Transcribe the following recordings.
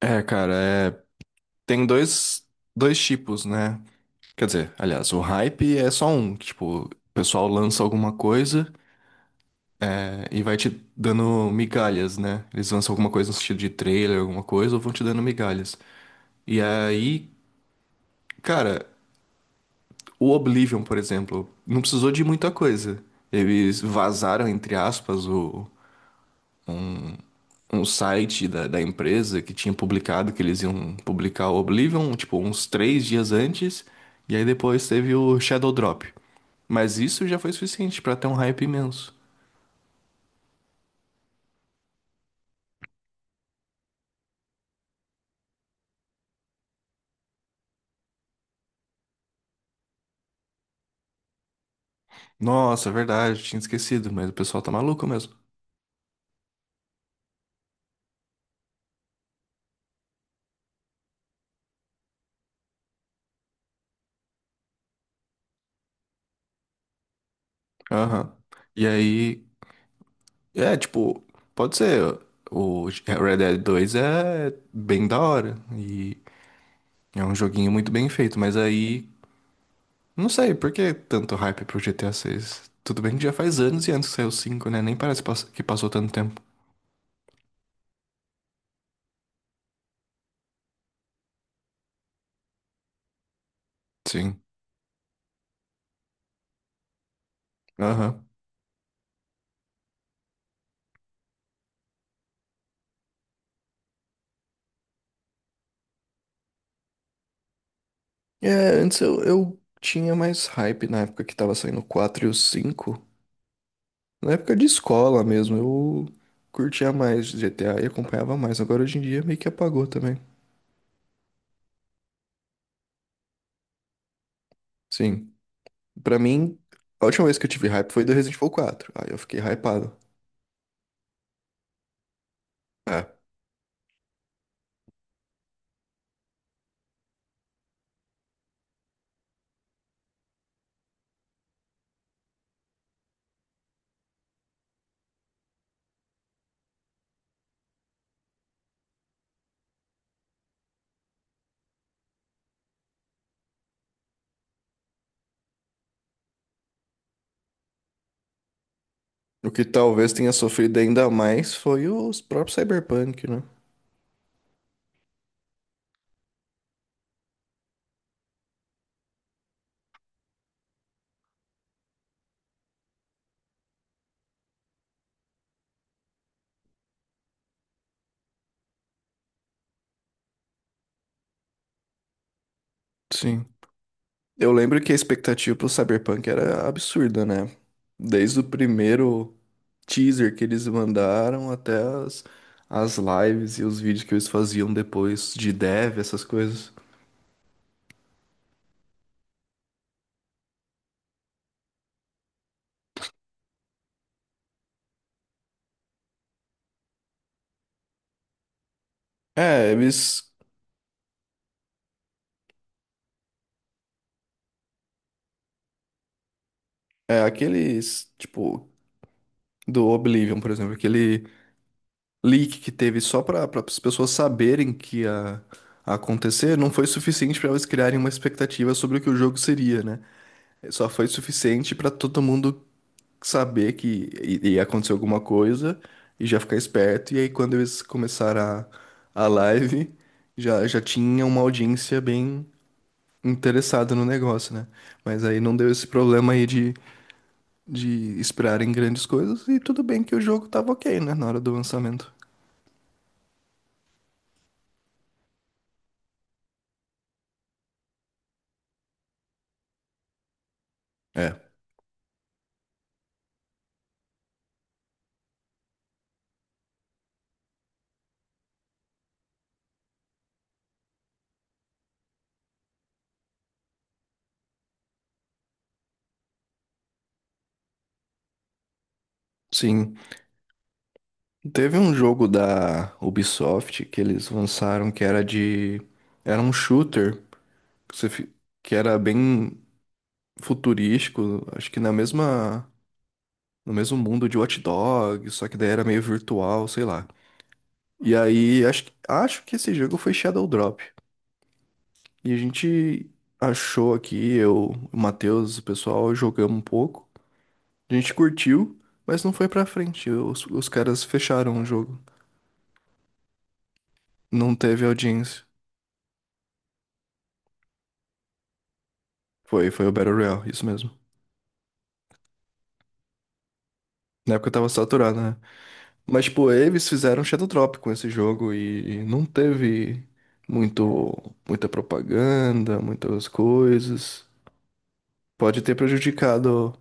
É, cara, tem dois tipos, né? Quer dizer, aliás, o hype é só um, que, tipo, o pessoal lança alguma coisa e vai te dando migalhas, né? Eles lançam alguma coisa no sentido de trailer, alguma coisa, ou vão te dando migalhas. E aí, cara, o Oblivion, por exemplo, não precisou de muita coisa. Eles vazaram, entre aspas, um site da empresa que tinha publicado que eles iam publicar o Oblivion, tipo, uns 3 dias antes, e aí depois teve o Shadow Drop. Mas isso já foi suficiente pra ter um hype imenso. Nossa, verdade, tinha esquecido, mas o pessoal tá maluco mesmo. Aham. E aí, é, tipo, pode ser. O Red Dead dois é bem da hora. E é um joguinho muito bem feito, mas aí. Não sei, por que tanto hype pro GTA 6? Tudo bem que já faz anos e antes que saiu o cinco, né? Nem parece que passou tanto tempo. Sim. Aham. É, antes eu tinha mais hype na época que tava saindo o 4 e o 5. Na época de escola mesmo, eu curtia mais GTA e acompanhava mais. Agora hoje em dia meio que apagou também. Sim. Pra mim, a última vez que eu tive hype foi do Resident Evil 4. Aí eu fiquei hypado. É. O que talvez tenha sofrido ainda mais foi os próprios Cyberpunk, né? Sim. Eu lembro que a expectativa pro Cyberpunk era absurda, né? Desde o primeiro teaser que eles mandaram até as, as lives e os vídeos que eles faziam depois de dev, essas coisas. É, eles. É, aqueles. Tipo, do Oblivion, por exemplo, aquele leak que teve só pra as pessoas saberem que ia acontecer, não foi suficiente pra eles criarem uma expectativa sobre o que o jogo seria, né? Só foi suficiente pra todo mundo saber que ia acontecer alguma coisa e já ficar esperto. E aí, quando eles começaram a live, já tinha uma audiência bem interessada no negócio, né? Mas aí não deu esse problema aí de esperarem grandes coisas. E tudo bem que o jogo tava ok, né? Na hora do lançamento. É. Sim, teve um jogo da Ubisoft que eles lançaram que era de. Era um shooter que, que era bem futurístico, acho que na mesma no mesmo mundo de Watch Dogs, só que daí era meio virtual, sei lá. E aí, acho que esse jogo foi Shadow Drop. E a gente achou aqui, eu, o Matheus, o pessoal, jogamos um pouco. A gente curtiu, mas não foi pra frente. Os caras fecharam o jogo. Não teve audiência. Foi o Battle Royale, isso mesmo. Na época eu tava saturado, né? Mas, tipo, eles fizeram Shadow Drop com esse jogo e não teve muito, muita propaganda, muitas coisas. Pode ter prejudicado,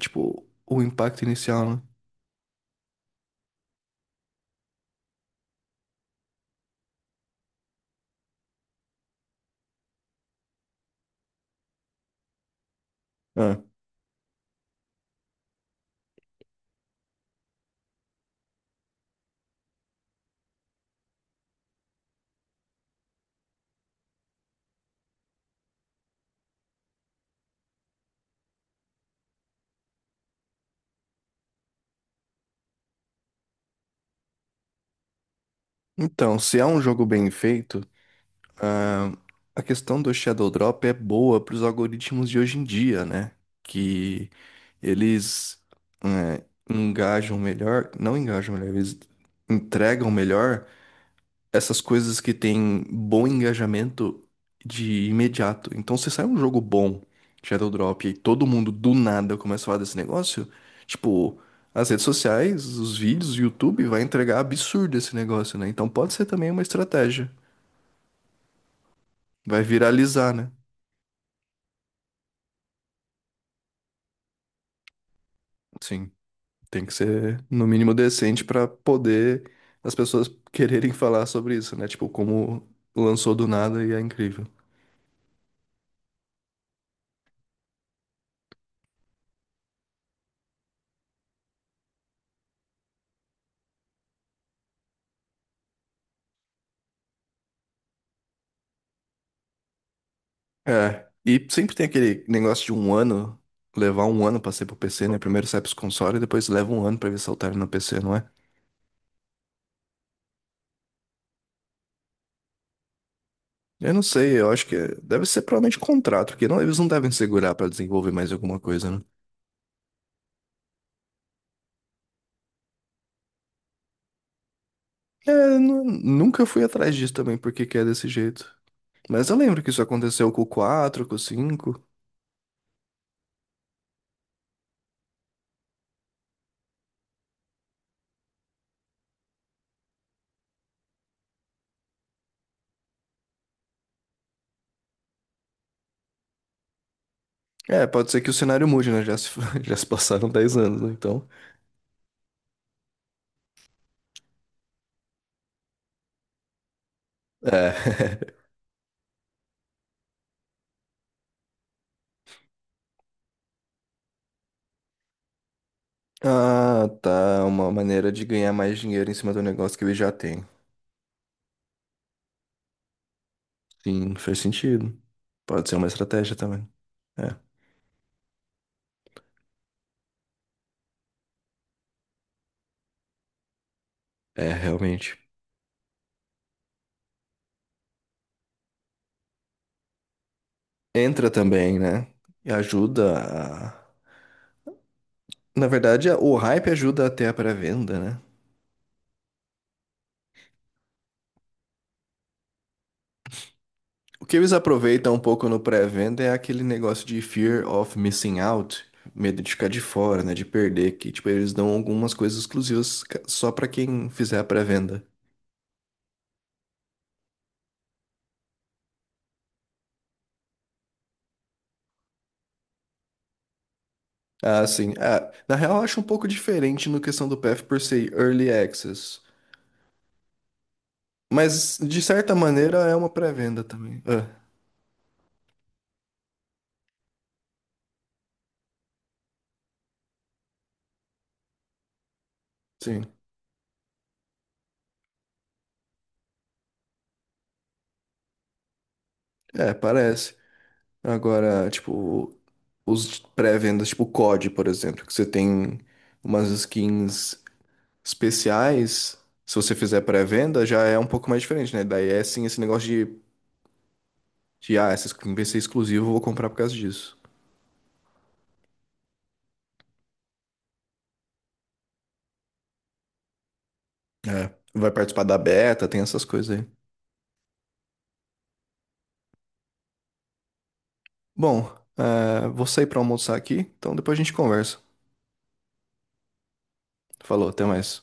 tipo, o impacto inicial, né? Ah. Então, se é um jogo bem feito, ah, a questão do Shadow Drop é boa para os algoritmos de hoje em dia, né? Que eles eh, engajam melhor, não engajam melhor, eles entregam melhor essas coisas que têm bom engajamento de imediato. Então, se sai um jogo bom, Shadow Drop, e aí todo mundo do nada começa a falar desse negócio, tipo, as redes sociais, os vídeos, o YouTube vai entregar absurdo esse negócio, né? Então pode ser também uma estratégia. Vai viralizar, né? Sim, tem que ser no mínimo decente pra poder as pessoas quererem falar sobre isso, né? Tipo, como lançou do nada e é incrível. É, e sempre tem aquele negócio de um ano, levar um ano pra ser pro PC, né? Primeiro sai pros consoles e depois leva um ano pra ver se altera no PC, não é? Eu não sei, eu acho que deve ser provavelmente contrato, porque não, eles não devem segurar pra desenvolver mais alguma coisa, né? É, nunca fui atrás disso também, porque que é desse jeito. Mas eu lembro que isso aconteceu com o 4 com o cinco. É, pode ser que o cenário mude, né? Já se, já se passaram 10 anos, né? Então. É. Ah, tá. Uma maneira de ganhar mais dinheiro em cima do negócio que ele já tem. Sim, faz sentido. Pode ser uma estratégia também. É, é realmente. Entra também, né? E ajuda a... Na verdade, o hype ajuda até a pré-venda, né? O que eles aproveitam um pouco no pré-venda é aquele negócio de fear of missing out, medo de ficar de fora, né? De perder, que tipo, eles dão algumas coisas exclusivas só pra quem fizer a pré-venda. Ah, sim. Ah, na real, eu acho um pouco diferente no questão do PF por ser early access. Mas, de certa maneira, é uma pré-venda também. É, sim. É, parece. Agora, tipo, os pré-vendas, tipo o COD, por exemplo, que você tem umas skins especiais. Se você fizer pré-venda, já é um pouco mais diferente, né? Daí é sim esse negócio de essa skin vai ser exclusiva, eu vou comprar por causa disso. É. Vai participar da beta, tem essas coisas aí. Bom, vou sair pra almoçar aqui, então depois a gente conversa. Falou, até mais.